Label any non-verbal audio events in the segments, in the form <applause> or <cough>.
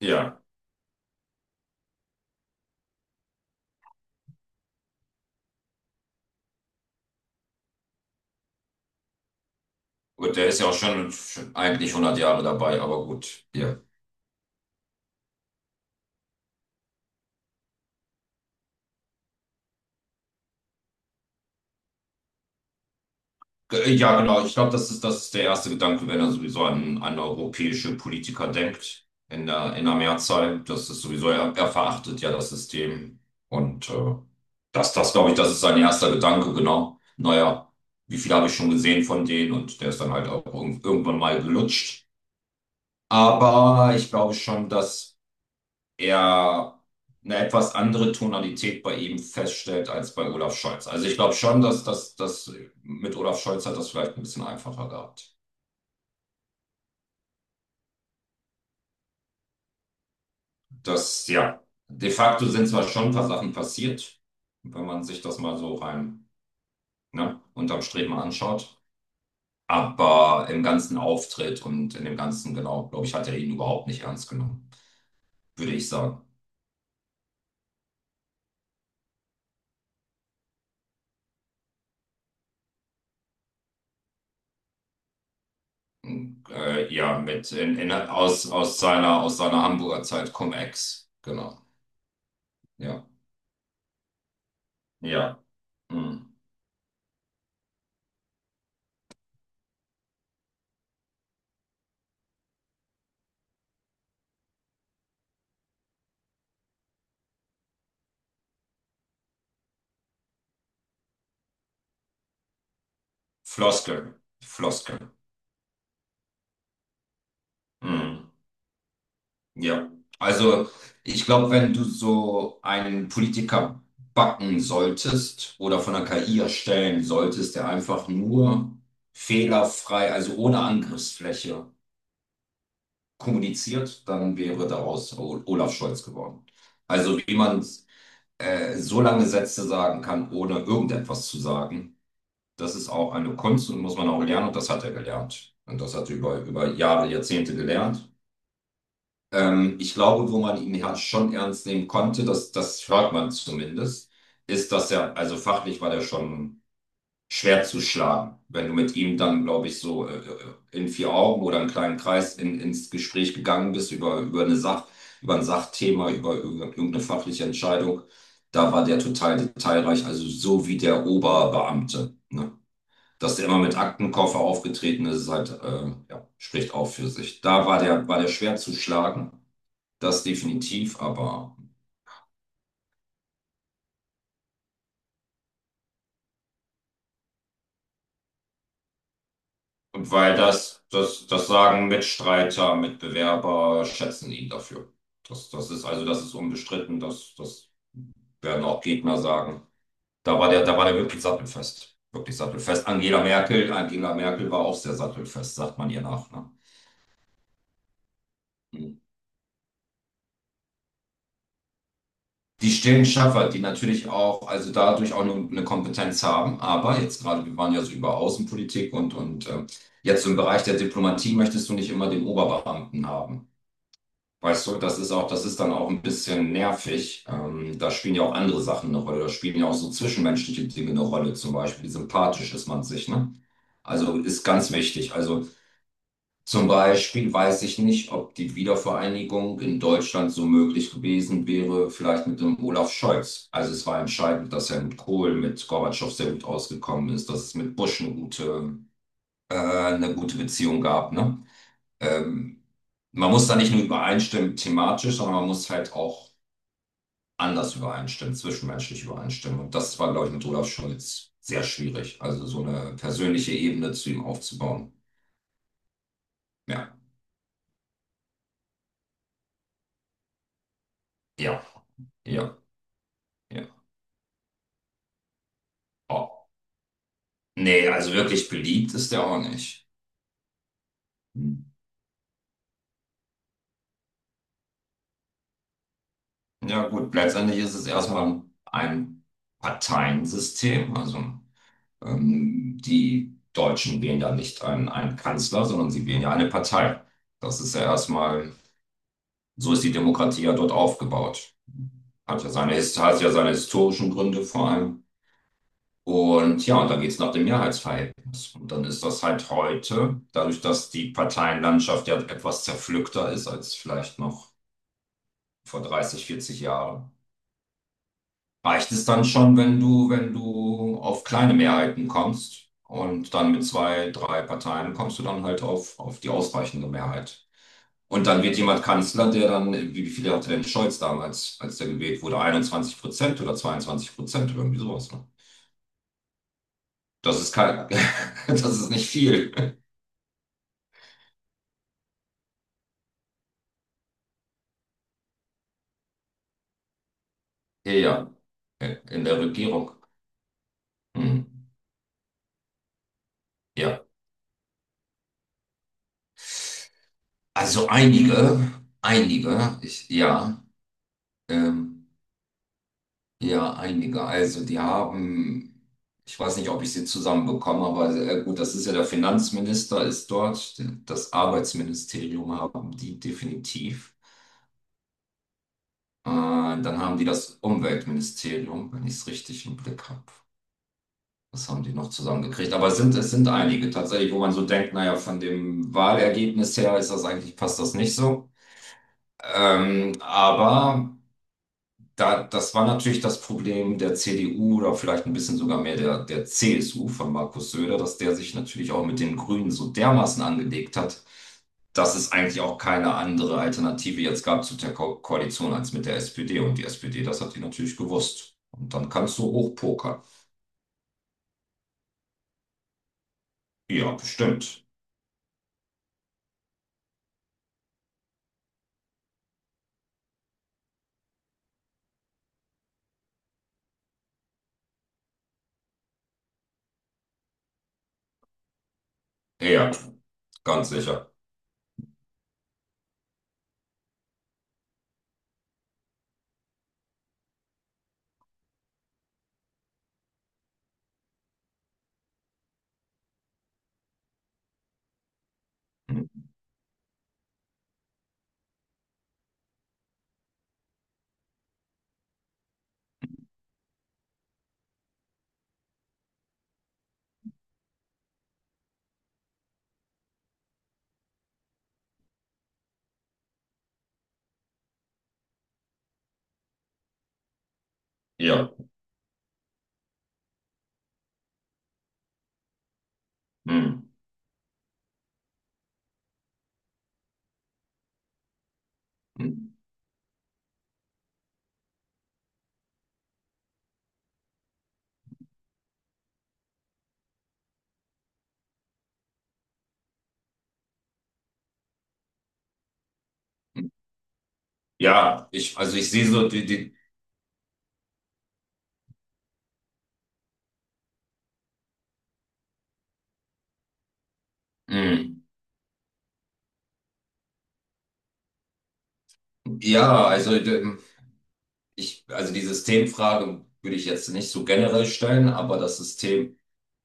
Ja, gut, der ist ja auch schon eigentlich 100 Jahre dabei, aber gut. Genau, ich glaube, das ist der erste Gedanke, wenn er sowieso an europäische Politiker denkt, in der Mehrzahl. Das ist sowieso, er verachtet ja das System. Und äh, das glaube ich, das ist sein erster Gedanke, genau. Naja, wie viel habe ich schon gesehen von denen? Und der ist dann halt auch irgendwann mal gelutscht. Aber ich glaube schon, dass eher eine etwas andere Tonalität bei ihm feststellt als bei Olaf Scholz. Also ich glaube schon, dass mit Olaf Scholz hat das vielleicht ein bisschen einfacher gehabt. Das, ja, de facto sind zwar schon ein paar Sachen passiert, wenn man sich das mal so rein, ne, unterm Strich mal anschaut. Aber im ganzen Auftritt und in dem ganzen, genau, glaube ich, hat er ihn überhaupt nicht ernst genommen, würde ich sagen. Ja, mit aus aus seiner Hamburger Zeit Cum-Ex. Genau. Ja. Ja. Mhm. Floskel, Floskel. Mhm. Ja, also ich glaube, wenn du so einen Politiker backen solltest oder von der KI erstellen solltest, der einfach nur fehlerfrei, also ohne Angriffsfläche kommuniziert, dann wäre daraus Olaf Scholz geworden. Also wie man so lange Sätze sagen kann, ohne irgendetwas zu sagen, das ist auch eine Kunst und muss man auch lernen und das hat er gelernt. Und das hat er über Jahre, Jahrzehnte gelernt. Ich glaube, wo man ihn ja schon ernst nehmen konnte, das hört man zumindest, ist, dass er, also fachlich war der schon schwer zu schlagen. Wenn du mit ihm dann, glaube ich, so in vier Augen oder einen kleinen Kreis ins Gespräch gegangen bist über eine Sach, über ein Sachthema, über irgendeine fachliche Entscheidung, da war der total detailreich, also so wie der Oberbeamte. Ne? Dass der immer mit Aktenkoffer aufgetreten ist, ist halt, ja, spricht auch für sich. War der schwer zu schlagen. Das definitiv, aber weil das sagen Mitstreiter, Mitbewerber, schätzen ihn dafür. Das ist also, das ist unbestritten, das werden auch Gegner sagen. Da war der wirklich sattelfest. Wirklich sattelfest. Angela Merkel war auch sehr sattelfest, sagt man ihr nach. Ne? Mhm. Die stillen Schaffer, die natürlich auch, also dadurch auch eine Kompetenz haben, aber jetzt gerade, wir waren ja so über Außenpolitik und jetzt im Bereich der Diplomatie möchtest du nicht immer den Oberbeamten haben. Weißt du, das ist dann auch ein bisschen nervig. Da spielen ja auch andere Sachen eine Rolle. Da spielen ja auch so zwischenmenschliche Dinge eine Rolle. Zum Beispiel, wie sympathisch ist man sich, ne? Also ist ganz wichtig. Also zum Beispiel weiß ich nicht, ob die Wiedervereinigung in Deutschland so möglich gewesen wäre, vielleicht mit dem Olaf Scholz. Also es war entscheidend, dass er mit Kohl, mit Gorbatschow sehr gut ausgekommen ist, dass es mit Bush eine gute Beziehung gab, ne? Ähm, Man muss da nicht nur übereinstimmen thematisch, sondern man muss halt auch anders übereinstimmen, zwischenmenschlich übereinstimmen. Und das war, glaube ich, mit Olaf Scholz sehr schwierig. Also so eine persönliche Ebene zu ihm aufzubauen. Ja, ja, ja, ja. Oh. Nee, also wirklich beliebt ist er auch nicht. Hm. Ja gut, letztendlich ist es erstmal ein Parteiensystem. Also die Deutschen wählen ja nicht einen Kanzler, sondern sie wählen ja eine Partei. Das ist ja erstmal. So ist die Demokratie ja dort aufgebaut. Hat ja seine, hat ja seine historischen Gründe vor allem. Und ja, und dann geht es nach dem Mehrheitsverhältnis. Und dann ist das halt heute, dadurch, dass die Parteienlandschaft ja etwas zerpflückter ist als vielleicht noch vor 30, 40 Jahren, reicht es dann schon, wenn wenn du auf kleine Mehrheiten kommst. Und dann mit zwei, drei Parteien kommst du dann halt auf die ausreichende Mehrheit. Und dann wird jemand Kanzler, der dann, wie viele hatte denn Scholz damals, als der gewählt wurde? 21% oder 22% oder irgendwie sowas. Ne? Das ist kein, <laughs> das ist nicht viel. Ja, ja, in der Regierung. Hm. Ja. Also einige, ja, ähm, ja, einige. Also die haben, ich weiß nicht, ob ich sie zusammenbekomme, aber gut, das ist ja der Finanzminister ist dort, das Arbeitsministerium haben die definitiv. Dann haben die das Umweltministerium, wenn ich es richtig im Blick habe. Das haben die noch zusammengekriegt. Aber es sind einige tatsächlich, wo man so denkt, naja, von dem Wahlergebnis her ist das eigentlich, passt das nicht so. Ähm, aber das war natürlich das Problem der CDU oder vielleicht ein bisschen sogar mehr der CSU von Markus Söder, dass der sich natürlich auch mit den Grünen so dermaßen angelegt hat, dass es eigentlich auch keine andere Alternative jetzt gab zu der Ko Koalition als mit der SPD. Und die SPD, das hat die natürlich gewusst. Und dann kannst du hochpokern. Ja, bestimmt. Ja, ganz sicher. Hm. Ja. Hm. Hm. Hm. Ja, ich, also ich sehe so die, die, hm. ja, also d- ich, also die Systemfrage würde ich jetzt nicht so generell stellen, aber das System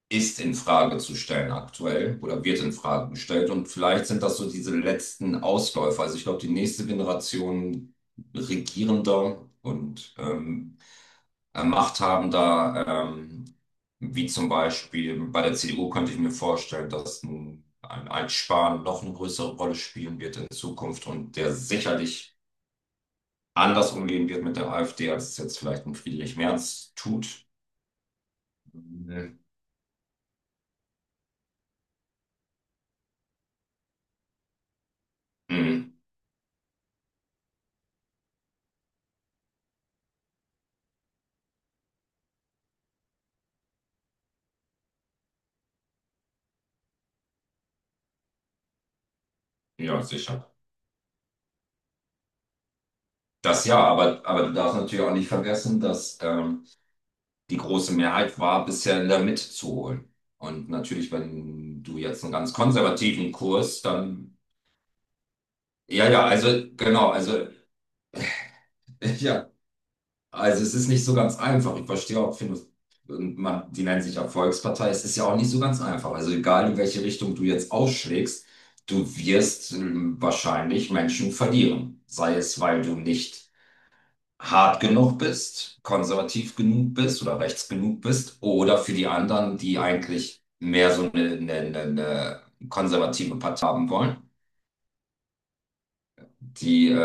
ist in Frage zu stellen aktuell oder wird in Frage gestellt. Und vielleicht sind das so diese letzten Ausläufer. Also ich glaube, die nächste Generation Regierender und Machthabender, ähm, wie zum Beispiel bei der CDU, könnte ich mir vorstellen, dass ein Spahn noch eine größere Rolle spielen wird in Zukunft und der sicherlich anders umgehen wird mit der AfD, als es jetzt vielleicht ein Friedrich Merz tut. Mhm. Mhm. Ja, sicher. Das ja, aber du darfst natürlich auch nicht vergessen, dass die große Mehrheit war, bisher in der Mitte zu holen. Und natürlich, wenn du jetzt einen ganz konservativen Kurs, dann, ja, also genau, also <laughs> ja, also es ist nicht so ganz einfach. Ich verstehe auch, finde, man, die nennen sich ja Volkspartei. Es ist ja auch nicht so ganz einfach. Also egal, in welche Richtung du jetzt ausschlägst, du wirst wahrscheinlich Menschen verlieren. Sei es, weil du nicht hart genug bist, konservativ genug bist oder rechts genug bist oder für die anderen, die eigentlich mehr so eine eine konservative Partei haben wollen, die